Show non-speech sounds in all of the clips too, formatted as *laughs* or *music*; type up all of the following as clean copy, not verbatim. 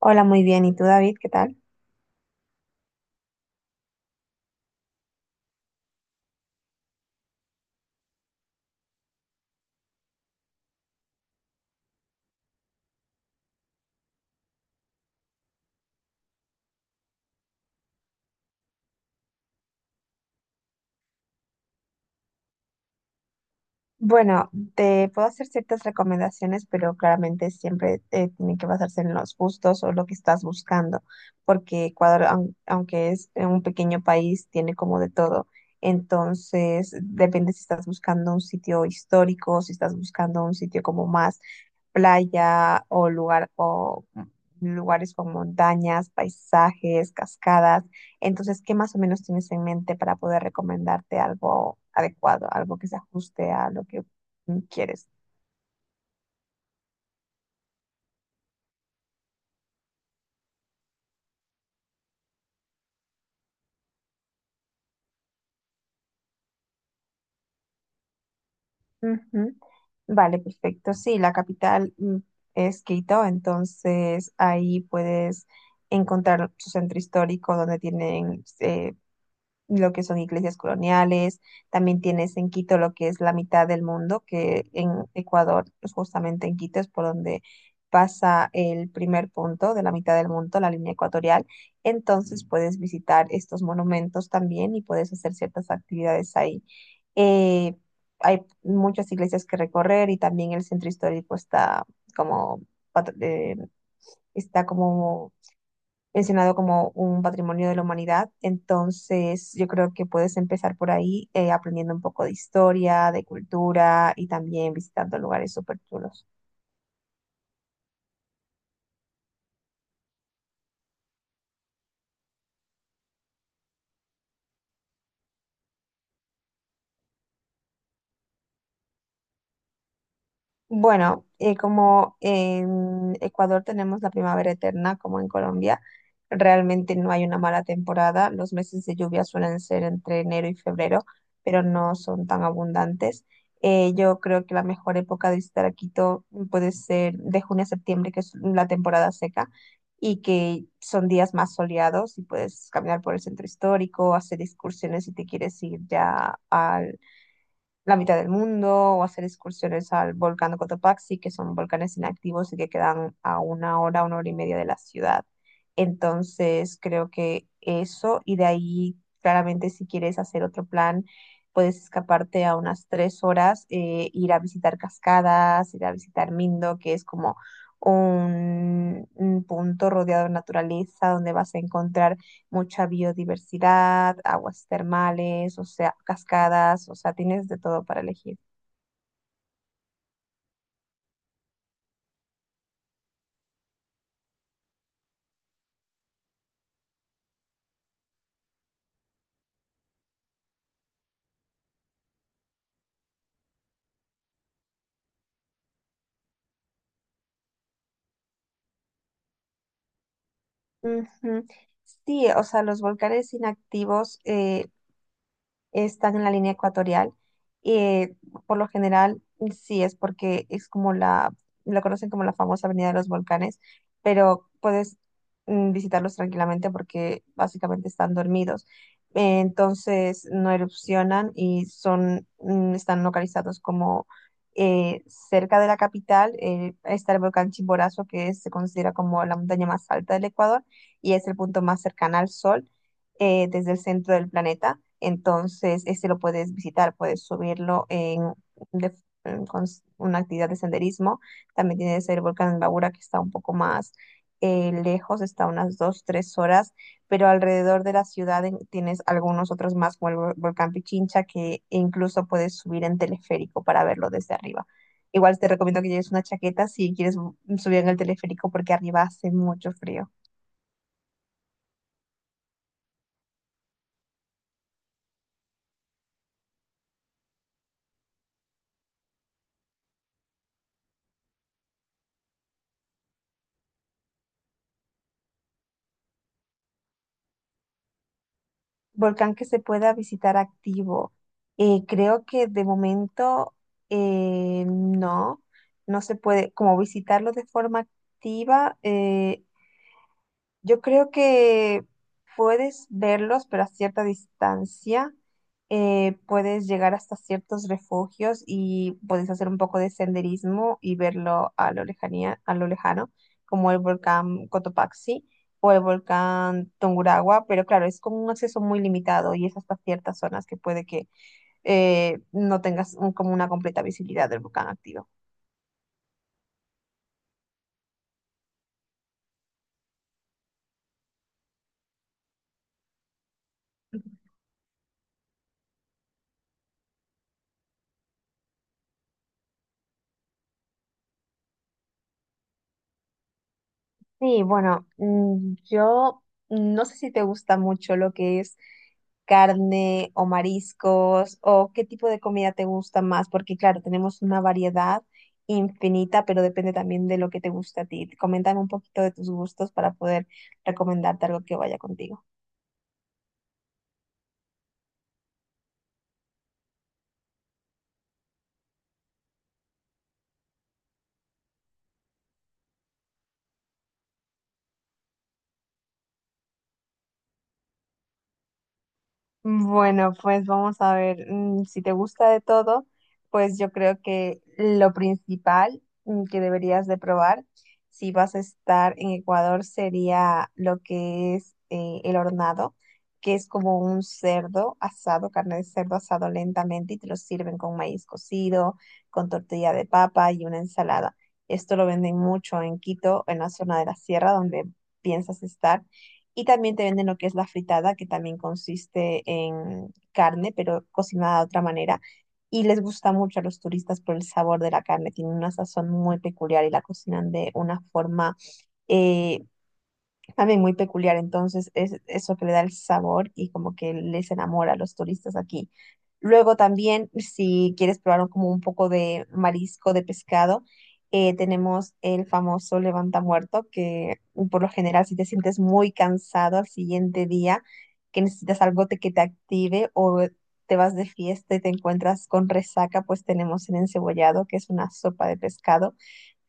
Hola, muy bien. ¿Y tú, David? ¿Qué tal? Bueno, te puedo hacer ciertas recomendaciones, pero claramente siempre tiene que basarse en los gustos o lo que estás buscando, porque Ecuador, aunque es un pequeño país, tiene como de todo. Entonces, depende si estás buscando un sitio histórico, si estás buscando un sitio como más playa o lugares con montañas, paisajes, cascadas. Entonces, ¿qué más o menos tienes en mente para poder recomendarte algo adecuado, algo que se ajuste a lo que quieres? Ujú. Vale, perfecto. Sí, la capital es Quito, entonces ahí puedes encontrar su centro histórico donde tienen lo que son iglesias coloniales. También tienes en Quito lo que es la mitad del mundo, que en Ecuador, pues, justamente en Quito es por donde pasa el primer punto de la mitad del mundo, la línea ecuatorial. Entonces puedes visitar estos monumentos también y puedes hacer ciertas actividades ahí. Eh, hay muchas iglesias que recorrer, y también el centro histórico está como... pat- eh, está como mencionado como un patrimonio de la humanidad. Entonces, yo creo que puedes empezar por ahí aprendiendo un poco de historia, de cultura, y también visitando lugares súper chulos. Bueno, como en Ecuador tenemos la primavera eterna, como en Colombia, realmente no hay una mala temporada. Los meses de lluvia suelen ser entre enero y febrero, pero no son tan abundantes. Yo creo que la mejor época de visitar a Quito puede ser de junio a septiembre, que es la temporada seca, y que son días más soleados, y puedes caminar por el centro histórico, hacer excursiones si te quieres ir ya la mitad del mundo, o hacer excursiones al volcán de Cotopaxi, que son volcanes inactivos y que quedan a una hora y media de la ciudad. Entonces, creo que eso, y de ahí, claramente, si quieres hacer otro plan, puedes escaparte a unas tres horas, ir a visitar cascadas, ir a visitar Mindo, que es como un punto rodeado de naturaleza donde vas a encontrar mucha biodiversidad, aguas termales, o sea, cascadas, o sea, tienes de todo para elegir. Ujú. Sí, o sea, los volcanes inactivos, están en la línea ecuatorial. eh, por lo general, sí es porque es como la conocen como la famosa Avenida de los Volcanes, pero puedes visitarlos tranquilamente porque básicamente están dormidos. Entonces no erupcionan, y son, están localizados como eh, cerca de la capital. Está el volcán Chimborazo, que se considera como la montaña más alta del Ecuador y es el punto más cercano al Sol desde el centro del planeta. Entonces, este lo puedes visitar, puedes subirlo en, de- en- con s- una actividad de senderismo. También tienes el volcán Babura, que está un poco más lejos, está unas dos, tres horas, pero alrededor de la ciudad tienes algunos otros más, como el volcán Pichincha, que incluso puedes subir en teleférico para verlo desde arriba. Igual te recomiendo que lleves una chaqueta si quieres subir en el teleférico, porque arriba hace mucho frío. Volcán que se pueda visitar activo. Creo que de momento no, no se puede como visitarlo de forma activa. Yo creo que puedes verlos, pero a cierta distancia. Puedes llegar hasta ciertos refugios y puedes hacer un poco de senderismo y verlo a lo lejanía, a lo lejano, como el volcán Cotopaxi o el volcán Tungurahua, pero claro, es como un acceso muy limitado y es hasta ciertas zonas que puede que no tengas como una completa visibilidad del volcán activo. Sí, bueno, yo no sé si te gusta mucho lo que es carne o mariscos, o qué tipo de comida te gusta más, porque claro, tenemos una variedad infinita, pero depende también de lo que te gusta a ti. Coméntame un poquito de tus gustos para poder recomendarte algo que vaya contigo. Bueno, pues vamos a ver, si te gusta de todo, pues yo creo que lo principal que deberías de probar si vas a estar en Ecuador sería lo que es el hornado, que es como un cerdo asado, carne de cerdo asado lentamente, y te lo sirven con maíz cocido, con tortilla de papa y una ensalada. Esto lo venden mucho en Quito, en la zona de la sierra donde piensas estar. Y también te venden lo que es la fritada, que también consiste en carne, pero cocinada de otra manera. Y les gusta mucho a los turistas por el sabor de la carne. Tiene una sazón muy peculiar y la cocinan de una forma eh, también muy peculiar. Entonces es eso que le da el sabor y como que les enamora a los turistas aquí. Luego también, si quieres probar como un poco de marisco, de pescado, tenemos el famoso levanta muerto, que por lo general, si te sientes muy cansado al siguiente día, que necesitas algo que te active, o te vas de fiesta y te encuentras con resaca, pues tenemos el encebollado, que es una sopa de pescado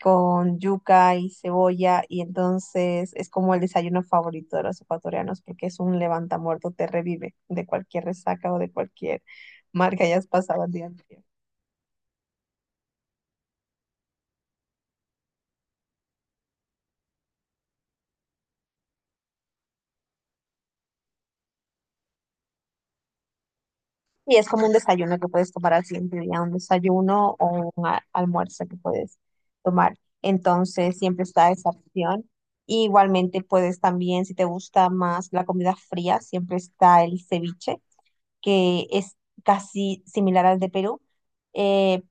con yuca y cebolla, y entonces es como el desayuno favorito de los ecuatorianos, porque es un levantamuerto, te revive de cualquier resaca o de cualquier mar que hayas pasado el día anterior. Y es como un desayuno que puedes tomar al siguiente día, un desayuno o un almuerzo que puedes tomar. Entonces siempre está esa opción. Y igualmente puedes también, si te gusta más la comida fría, siempre está el ceviche, que es casi similar al de Perú, eh,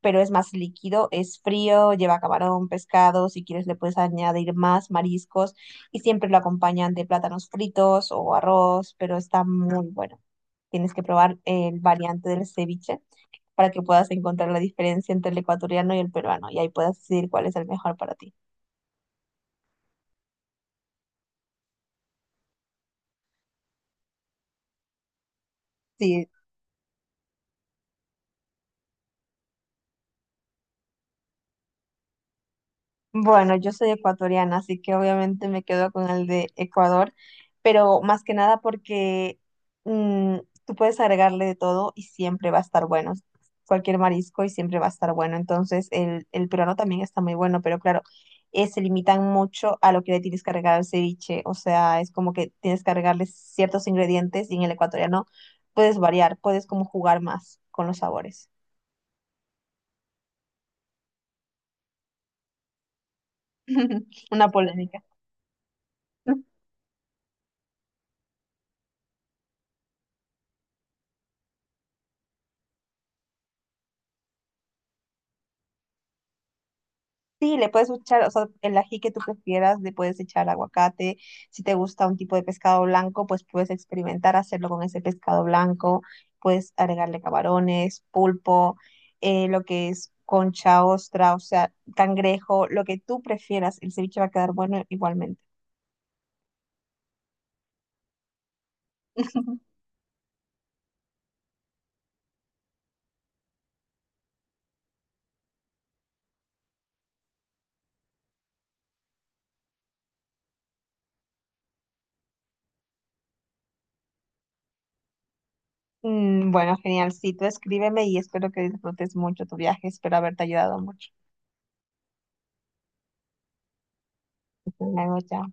pero es más líquido, es frío, lleva camarón, pescado; si quieres le puedes añadir más mariscos, y siempre lo acompañan de plátanos fritos o arroz, pero está muy bueno. Tienes que probar el variante del ceviche para que puedas encontrar la diferencia entre el ecuatoriano y el peruano, y ahí puedas decidir cuál es el mejor para ti. Sí. Bueno, yo soy ecuatoriana, así que obviamente me quedo con el de Ecuador, pero más que nada porque mm, tú puedes agregarle de todo y siempre va a estar bueno, cualquier marisco y siempre va a estar bueno. Entonces, el peruano también está muy bueno, pero claro, se limitan mucho a lo que le tienes que agregar al ceviche, o sea, es como que tienes que agregarle ciertos ingredientes, y en el ecuatoriano puedes variar, puedes como jugar más con los sabores. *laughs* Una polémica. Sí, le puedes echar, o sea, el ají que tú prefieras, le puedes echar aguacate. Si te gusta un tipo de pescado blanco, pues puedes experimentar hacerlo con ese pescado blanco. Puedes agregarle camarones, pulpo, lo que es concha, ostra, o sea, cangrejo, lo que tú prefieras. El ceviche va a quedar bueno igualmente. *laughs* Mm, bueno, genial. Sí, tú escríbeme y espero que disfrutes mucho tu viaje. Espero haberte ayudado mucho. Hasta luego, chao.